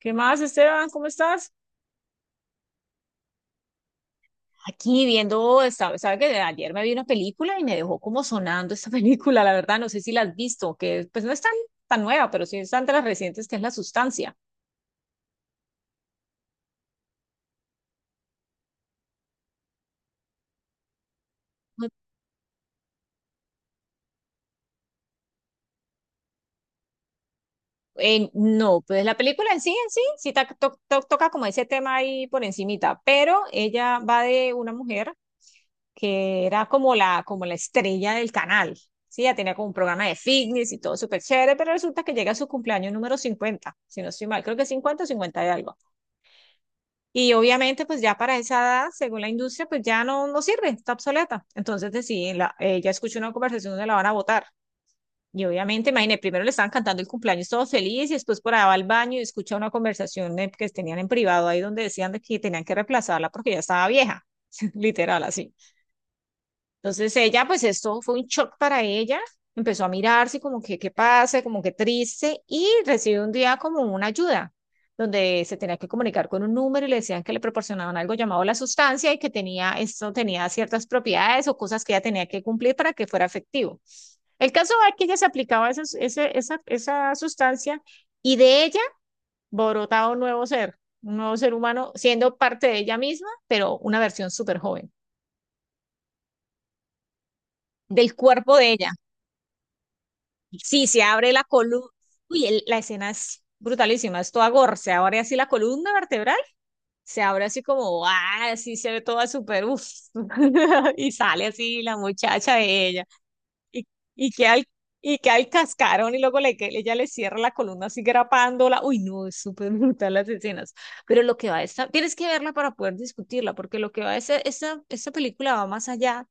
¿Qué más, Esteban? ¿Cómo estás? Aquí viendo, sabe que de ayer me vi una película y me dejó como sonando esta película, la verdad, no sé si la has visto, que pues no es tan nueva, pero sí es tan de las recientes que es La Sustancia. No, pues la película en sí, sí toca como ese tema ahí por encimita, pero ella va de una mujer que era como la estrella del canal, sí, ella tenía como un programa de fitness y todo súper chévere, pero resulta que llega a su cumpleaños número 50, si no estoy mal, creo que 50 o 50 de algo. Y obviamente, pues ya para esa edad, según la industria, pues ya no sirve, está obsoleta. Entonces deciden, ella escuchó una conversación donde la van a votar. Y obviamente, imagínate, primero le estaban cantando el cumpleaños todos felices y después por allá va al baño y escucha una conversación que tenían en privado ahí donde decían de que tenían que reemplazarla porque ya estaba vieja, literal así. Entonces ella, pues esto fue un shock para ella, empezó a mirarse como que qué pasa, como que triste, y recibió un día como una ayuda, donde se tenía que comunicar con un número y le decían que le proporcionaban algo llamado la sustancia y esto tenía ciertas propiedades o cosas que ella tenía que cumplir para que fuera efectivo. El caso es que ella se aplicaba esa sustancia y de ella borotaba un nuevo ser humano, siendo parte de ella misma, pero una versión súper joven del cuerpo de ella. Sí, se abre la columna. Uy, la escena es brutalísima, es toda gore. Se abre así la columna vertebral, se abre así como, ah, así se ve toda súper, uff. Y sale así la muchacha de ella. Y, y queda el, y queda el cascarón y luego ella le cierra la columna así grapándola. Uy, no, es súper brutal las escenas. Pero lo que va a estar, tienes que verla para poder discutirla, porque lo que va a ser, esta película va más allá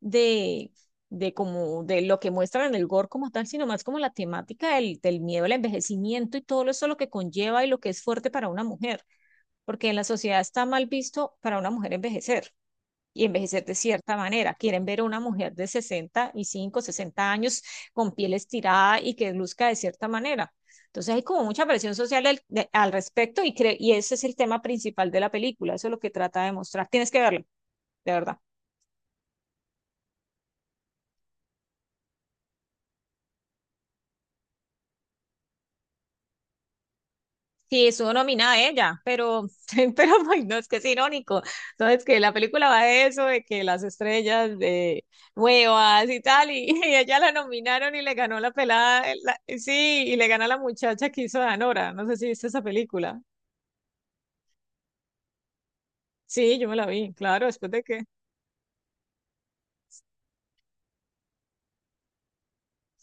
de, de como de lo que muestran en el gore como tal, sino más como la temática del miedo al envejecimiento y todo eso lo que conlleva y lo que es fuerte para una mujer, porque en la sociedad está mal visto para una mujer envejecer. Y envejecer de cierta manera. Quieren ver a una mujer de 65 60 años con piel estirada y que luzca de cierta manera. Entonces hay como mucha presión social al respecto y ese es el tema principal de la película, eso es lo que trata de mostrar. Tienes que verlo, de verdad. Sí, estuvo nominada ella, pero, pero ay, no, es que es irónico. Entonces, que la película va de eso, de que las estrellas de nuevas y tal, y, y ella la nominaron y le ganó la pelada, sí, y le gana la muchacha que hizo de Anora. No sé si viste esa película. Sí, yo me la vi, claro, después de que,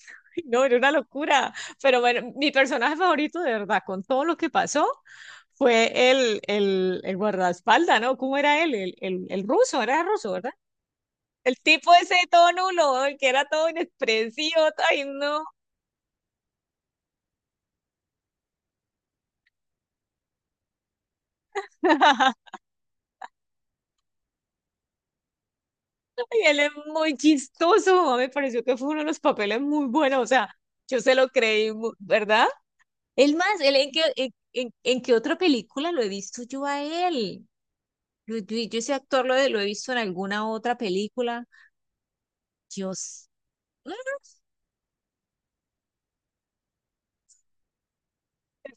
no, era una locura. Pero bueno, mi personaje favorito, de verdad, con todo lo que pasó, fue el guardaespaldas, ¿no? ¿Cómo era él? El ruso, era ruso, ¿verdad? El tipo ese todo nulo, el que era todo inexpresivo, ay no. Y él es muy chistoso, me pareció que fue uno de los papeles muy buenos, o sea, yo se lo creí, ¿verdad? Él en qué, en qué otra película lo he visto yo a él. Yo ese actor lo he visto en alguna otra película. Dios,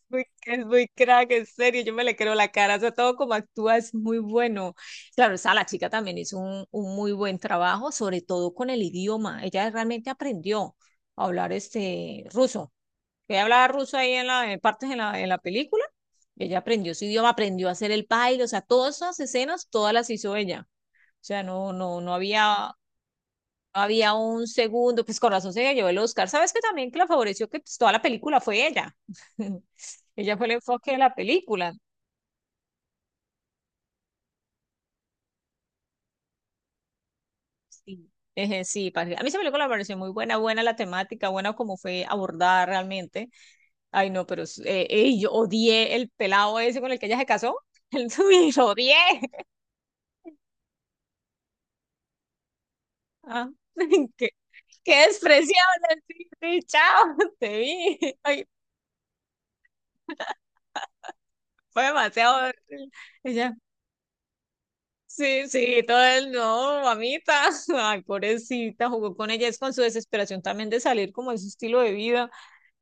es muy crack, en serio, yo me le creo la cara, o sea, todo como actúa es muy bueno. Claro, o sea, la chica también hizo un muy buen trabajo, sobre todo con el idioma. Ella realmente aprendió a hablar este ruso. Ella hablaba ruso ahí en partes en la película. Y ella aprendió su idioma, aprendió a hacer el baile, o sea, todas esas escenas, todas las hizo ella. O sea, no, no, no había un segundo, pues con razón se llevó el Oscar. ¿Sabes que también que la favoreció que pues, toda la película fue ella? Ella fue el enfoque de la película. Sí, Eje, sí, parce, a mí esa película me pareció muy buena, buena la temática, buena como fue abordada realmente. Ay, no, pero ey, yo odié el pelado ese con el que ella se casó. El suyo, lo odié. Ah, qué, qué despreciable. Sí, sí, chao, te vi. Ay, fue demasiado horrible. Sí, sí, todo el no, mamita. Ay, pobrecita, jugó con ella. Es con su desesperación también de salir como de su estilo de vida.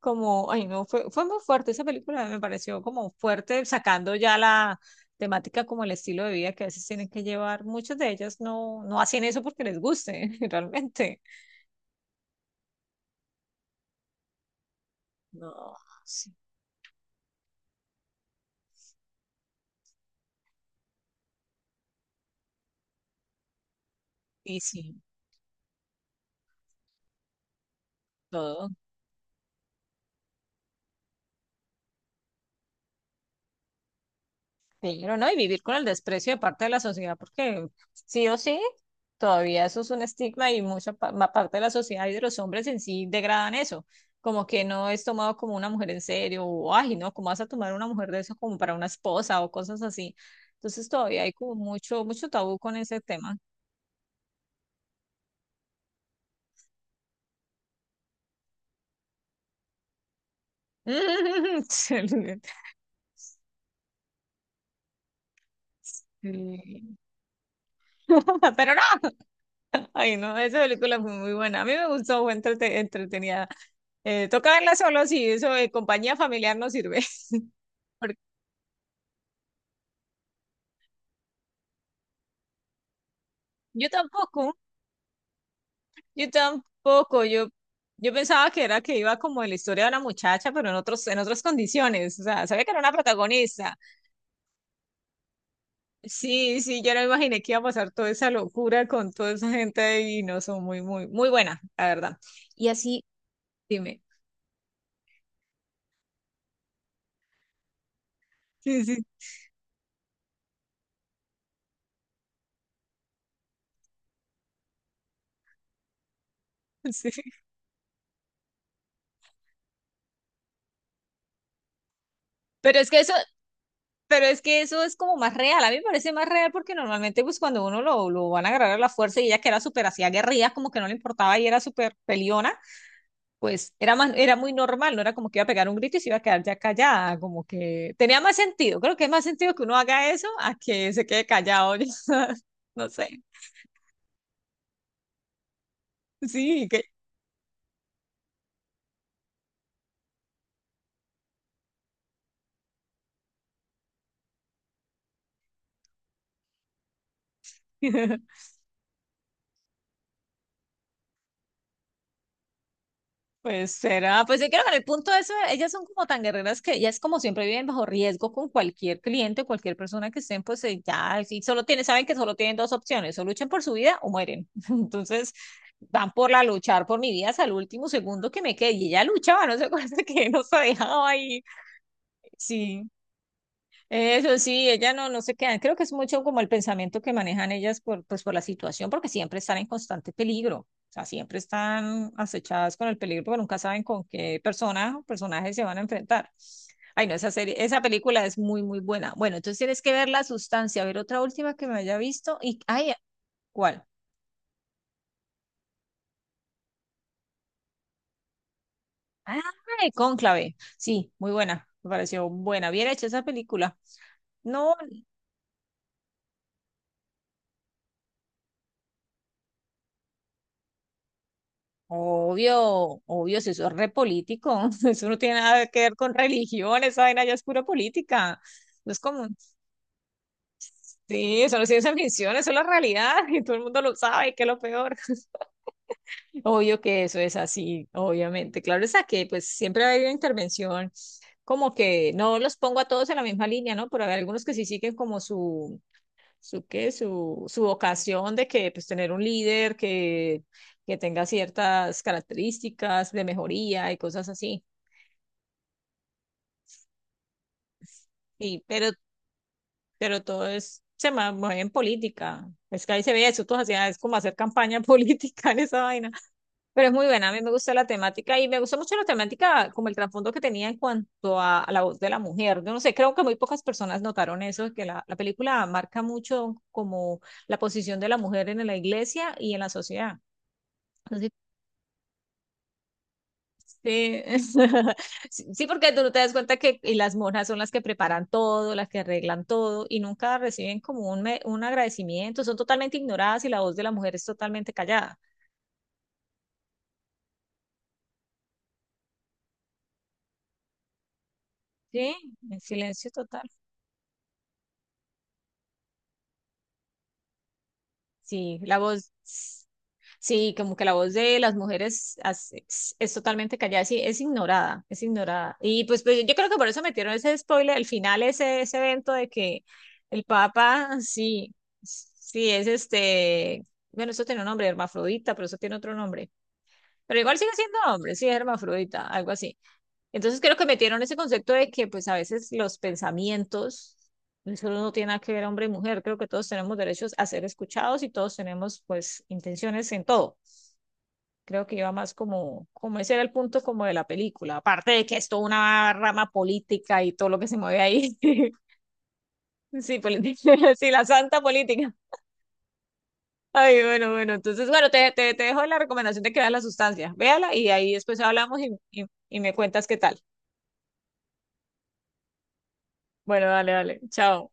Como, ay, no, fue muy fuerte esa película. Me pareció como fuerte, sacando ya la temática como el estilo de vida que a veces tienen que llevar. Muchas de ellas no hacen eso porque les guste, realmente. No, sí, y sí, todo. Pero no, y vivir con el desprecio de parte de la sociedad, porque sí o sí, todavía eso es un estigma y mucha parte de la sociedad y de los hombres en sí degradan eso, como que no es tomado como una mujer en serio, o ay, no, ¿cómo vas a tomar una mujer de eso como para una esposa o cosas así? Entonces todavía hay como mucho, mucho tabú con ese tema. Sí. Pero no, ay no, esa película fue muy buena, a mí me gustó, fue entrete- entretenida. Toca verla solo si eso de compañía familiar no sirve. Porque yo tampoco, yo tampoco, yo pensaba que era que iba como en la historia de una muchacha, pero en otras condiciones, o sea, sabía que era una protagonista. Sí, sí, yo no imaginé que iba a pasar toda esa locura con toda esa gente y no son muy, muy, muy buena, la verdad. Y así, dime. Sí, sí, sí. Pero es que eso, pero es que eso es como más real, a mí me parece más real porque normalmente pues cuando uno lo van a agarrar a la fuerza y ella que era súper hacía guerrillas, como que no le importaba y era súper peliona pues era más, era muy normal, no era como que iba a pegar un grito y se iba a quedar ya callada, como que tenía más sentido, creo que es más sentido que uno haga eso a que se quede callado, yo no sé, sí, que... Pues será, pues yo creo que en el punto de eso, ellas son como tan guerreras que ellas como siempre viven bajo riesgo con cualquier cliente, cualquier persona que estén, pues ya, si solo tienen, saben que solo tienen dos opciones, o luchan por su vida o mueren. Entonces, van por la luchar por mi vida hasta el último segundo que me quede. Y ella luchaba, no se acuerda que no se dejaba ahí. Sí, eso sí, ella no se queda. Creo que es mucho como el pensamiento que manejan ellas por, pues, por la situación, porque siempre están en constante peligro. O sea, siempre están acechadas con el peligro, porque nunca saben con qué persona o personaje se van a enfrentar. Ay, no, esa serie, esa película es muy, muy buena. Bueno, entonces tienes que ver La Sustancia, a ver otra última que me haya visto y, ay, ¿cuál? Ah, Cónclave. Sí, muy buena. Me pareció buena, bien hecha esa película. No, obvio, obvio, si eso es re político, eso no tiene nada que ver con religión, esa vaina ya es pura política. No es como, sí, eso no es ciencia ficción, eso es la realidad y todo el mundo lo sabe, que es lo peor. Obvio que eso es así, obviamente. Claro, es que pues siempre va a haber una intervención, como que no los pongo a todos en la misma línea, ¿no? Pero hay algunos que sí siguen como su, su vocación de que pues tener un líder que tenga ciertas características de mejoría y cosas así. Sí, pero todo se mueve en política. Es que ahí se ve eso, tú hacías, es como hacer campaña política en esa vaina. Pero es muy buena, a mí me gusta la temática y me gustó mucho la temática, como el trasfondo que tenía en cuanto a la voz de la mujer. Yo no sé, creo que muy pocas personas notaron eso, que la película marca mucho como la posición de la mujer en la iglesia y en la sociedad. Sí. Sí, sí, porque tú no te das cuenta que y las monjas son las que preparan todo, las que arreglan todo y nunca reciben como un agradecimiento, son totalmente ignoradas y la voz de la mujer es totalmente callada. Sí, en silencio total. Sí, la voz. Sí, como que la voz de las mujeres es totalmente callada, sí, es ignorada, es ignorada. Y pues, yo creo que por eso metieron ese spoiler, el final, ese evento de que el Papa, sí, sí, es este, bueno, eso tiene un nombre, hermafrodita, pero eso tiene otro nombre. Pero igual sigue siendo hombre, sí, es hermafrodita, algo así. Entonces creo que metieron ese concepto de que pues a veces los pensamientos, eso no tiene nada que ver hombre y mujer, creo que todos tenemos derechos a ser escuchados y todos tenemos pues intenciones en todo. Creo que iba más como, como ese era el punto como de la película, aparte de que es toda una rama política y todo lo que se mueve ahí. Sí, política, sí, la santa política. Ay, bueno, bueno, entonces, bueno, te dejo la recomendación de que veas la sustancia. Véala y ahí después hablamos y me cuentas qué tal. Bueno, dale, dale. Chao.